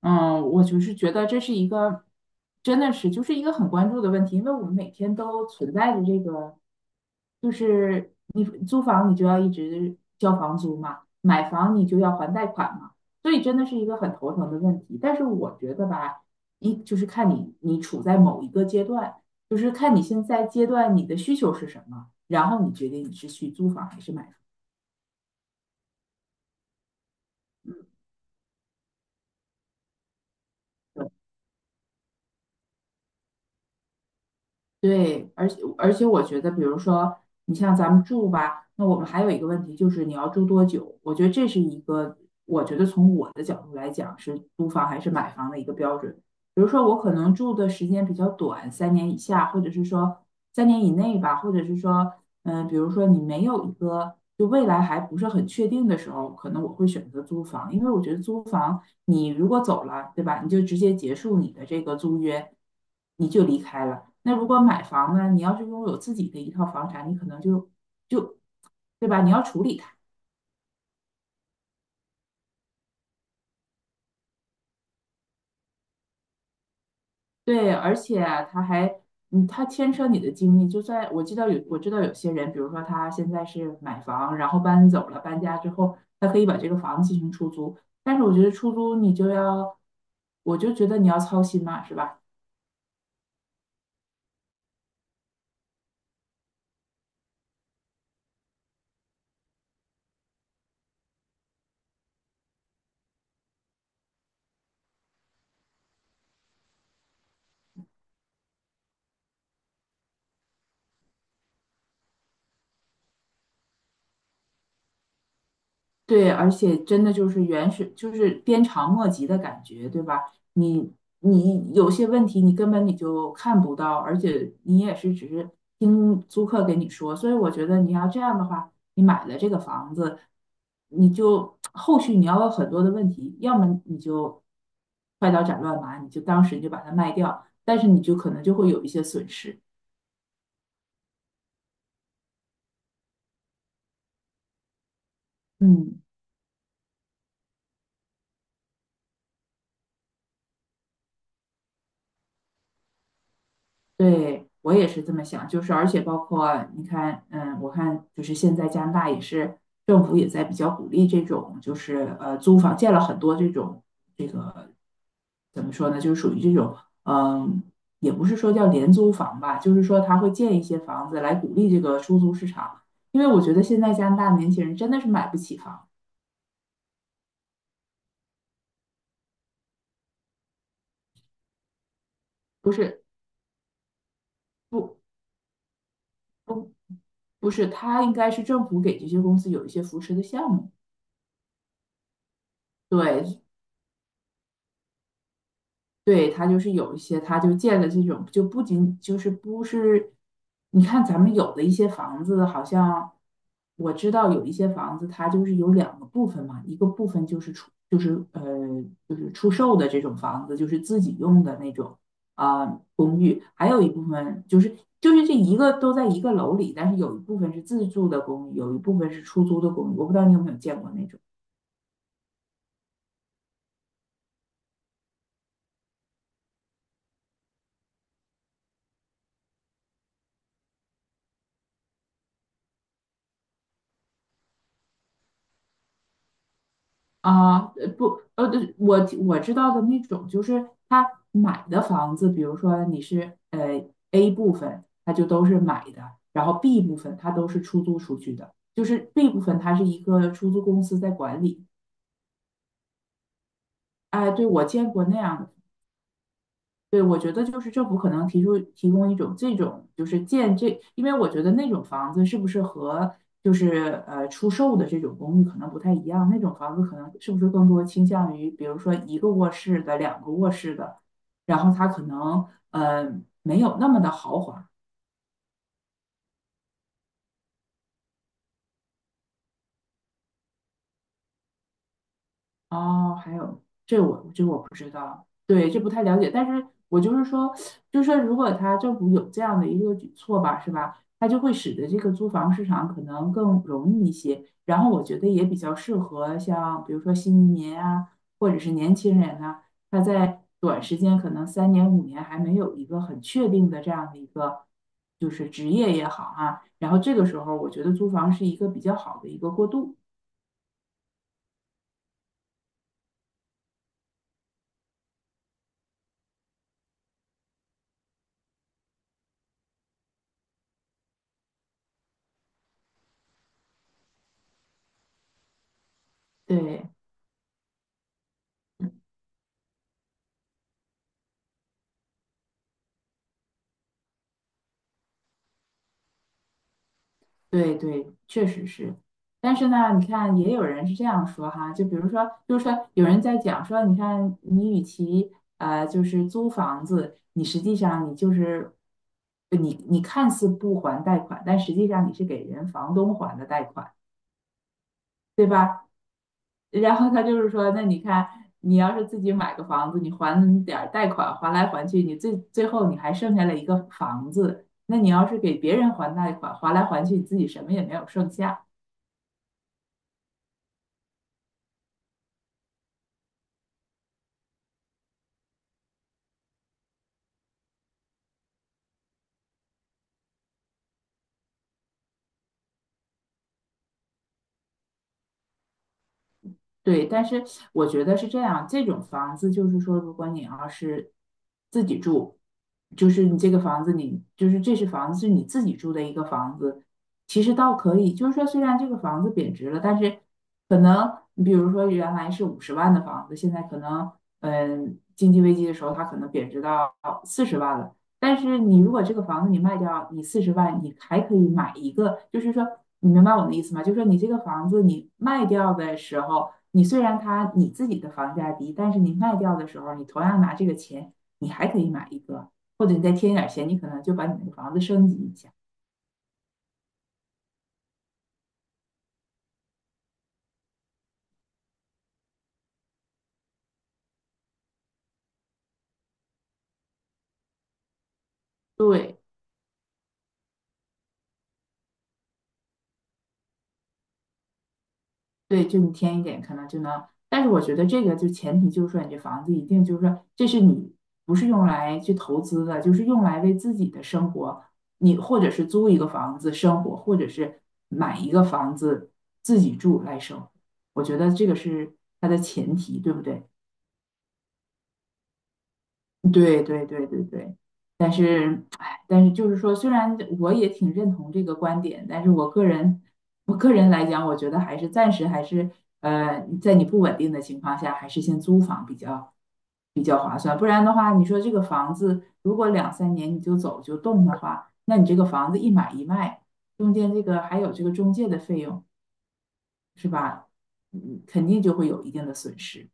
嗯，我就是觉得这是一个，真的是就是一个很关注的问题，因为我们每天都存在着这个，就是你租房你就要一直交房租嘛，买房你就要还贷款嘛，所以真的是一个很头疼的问题。但是我觉得吧，一就是看你处在某一个阶段，就是看你现在阶段你的需求是什么，然后你决定你是去租房还是买房。嗯，对，而且我觉得，比如说你像咱们住吧，那我们还有一个问题就是你要住多久？我觉得这是一个，我觉得从我的角度来讲是租房还是买房的一个标准。比如说我可能住的时间比较短，3年以下，或者是说3年以内吧，或者是说比如说你没有一个就未来还不是很确定的时候，可能我会选择租房，因为我觉得租房你如果走了，对吧？你就直接结束你的这个租约，你就离开了。那如果买房呢，你要是拥有自己的一套房产，你可能就就对吧？你要处理它。对，而且啊他还，他牵扯你的精力。就算我知道有，我知道有些人，比如说他现在是买房，然后搬走了，搬家之后，他可以把这个房子进行出租。但是我觉得出租你就要，我就觉得你要操心嘛，是吧？对，而且真的就是原始，就是鞭长莫及的感觉，对吧？你你有些问题你根本你就看不到，而且你也是只是听租客给你说，所以我觉得你要这样的话，你买了这个房子，你就后续你要有很多的问题，要么你就快刀斩乱麻，你就当时你就把它卖掉，但是你就可能就会有一些损失，嗯。对，我也是这么想，就是而且包括你看，嗯，我看就是现在加拿大也是政府也在比较鼓励这种，就是租房建了很多这种怎么说呢，就是属于这种，嗯，也不是说叫廉租房吧，就是说他会建一些房子来鼓励这个出租市场，因为我觉得现在加拿大年轻人真的是买不起房，不是不不不是，他应该是政府给这些公司有一些扶持的项目。对，对，它就是有一些，它就建了这种，就不仅就是不是，你看咱们有的一些房子，好像我知道有一些房子，它就是有两个部分嘛，一个部分就是出就是就是出售的这种房子，就是自己用的那种啊、公寓，还有一部分就是这一个都在一个楼里，但是有一部分是自住的公寓，有一部分是出租的公寓，我不知道你有没有见过那种。啊，呃不，呃，对，我知道的那种，就是他买的房子，比如说你是A 部分，他就都是买的，然后 B 部分他都是出租出去的，就是 B 部分它是一个出租公司在管理。哎，对，我见过那样的。对，我觉得就是政府可能提出提供一种这种就是建这，因为我觉得那种房子是不是和就是出售的这种公寓可能不太一样，那种房子可能是不是更多倾向于比如说一个卧室的、两个卧室的，然后它可能没有那么的豪华。哦，还有这我不知道，对，这不太了解。但是我就是说，就是说，如果他政府有这样的一个举措吧，是吧？它就会使得这个租房市场可能更容易一些。然后我觉得也比较适合像比如说新移民啊，或者是年轻人呐、他在短时间可能3年5年还没有一个很确定的这样的一个就是职业也好啊，然后这个时候我觉得租房是一个比较好的一个过渡。对，对对，确实是。但是呢，你看，也有人是这样说哈，就比如说，就是说，有人在讲说，你看，你与其就是租房子，你实际上你就是你看似不还贷款，但实际上你是给人房东还的贷款，对吧？然后他就是说，那你看，你要是自己买个房子，你还点儿贷款，还来还去，你最后你还剩下了一个房子，那你要是给别人还贷款，还来还去，你自己什么也没有剩下。对，但是我觉得是这样，这种房子就是说，如果你要是自己住，就是你这个房子你，就是这是房子是你自己住的一个房子，其实倒可以，就是说虽然这个房子贬值了，但是可能你比如说原来是50万的房子，现在可能经济危机的时候它可能贬值到四十万了，但是你如果这个房子你卖掉，你四十万你还可以买一个，就是说你明白我的意思吗？就是说你这个房子你卖掉的时候。你虽然它你自己的房价低，但是你卖掉的时候，你同样拿这个钱，你还可以买一个，或者你再添一点钱，你可能就把你那个房子升级一下。对对，就你添一点，可能就能。但是我觉得这个就前提就是说，你这房子一定就是说，这是你不是用来去投资的，就是用来为自己的生活，你或者是租一个房子生活，或者是买一个房子自己住来生活。我觉得这个是它的前提，对不对？对对对对对，但是，哎，但是就是说，虽然我也挺认同这个观点，但是我个人，我个人来讲，我觉得还是暂时还是，在你不稳定的情况下，还是先租房比较划算。不然的话，你说这个房子如果2、3年你就走就动的话，那你这个房子一买一卖，中间这个还有这个中介的费用，是吧？嗯，肯定就会有一定的损失。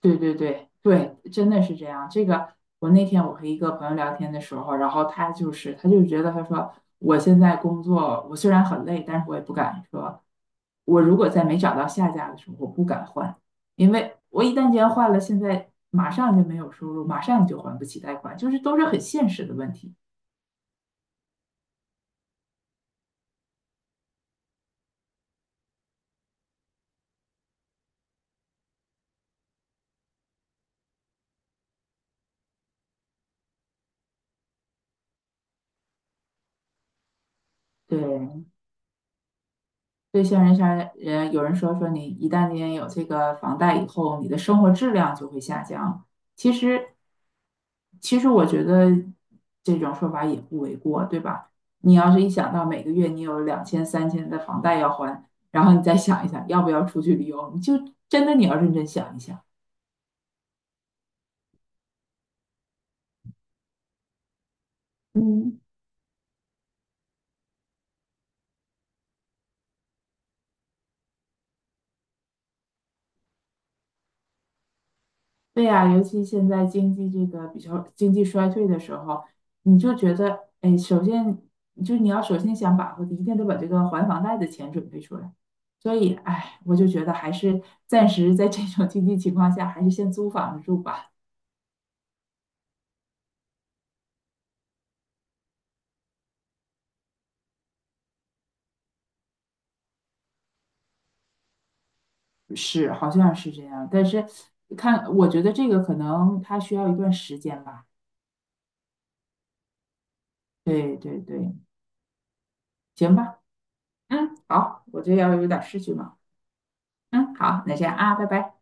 对对对对，真的是这样。这个我那天我和一个朋友聊天的时候，然后他就觉得他说我现在工作，我虽然很累，但是我也不敢说，我如果在没找到下家的时候，我不敢换，因为我一旦换了，现在马上就没有收入，马上就还不起贷款，就是都是很现实的问题。对，对些人啥人，有人说你一旦你有这个房贷以后，你的生活质量就会下降。其实，其实我觉得这种说法也不为过，对吧？你要是一想到每个月你有2000、3000的房贷要还，然后你再想一想要不要出去旅游，你就真的你要认真想一想。嗯。对呀，尤其现在经济这个比较经济衰退的时候，你就觉得，哎，首先就你要首先想把握的，一定得把这个还房贷的钱准备出来。所以，哎，我就觉得还是暂时在这种经济情况下，还是先租房子住吧。是，好像是这样，但是看，我觉得这个可能它需要一段时间吧。对对对，行吧，嗯，好，我这要有点事情了，嗯，好，那这样啊，拜拜。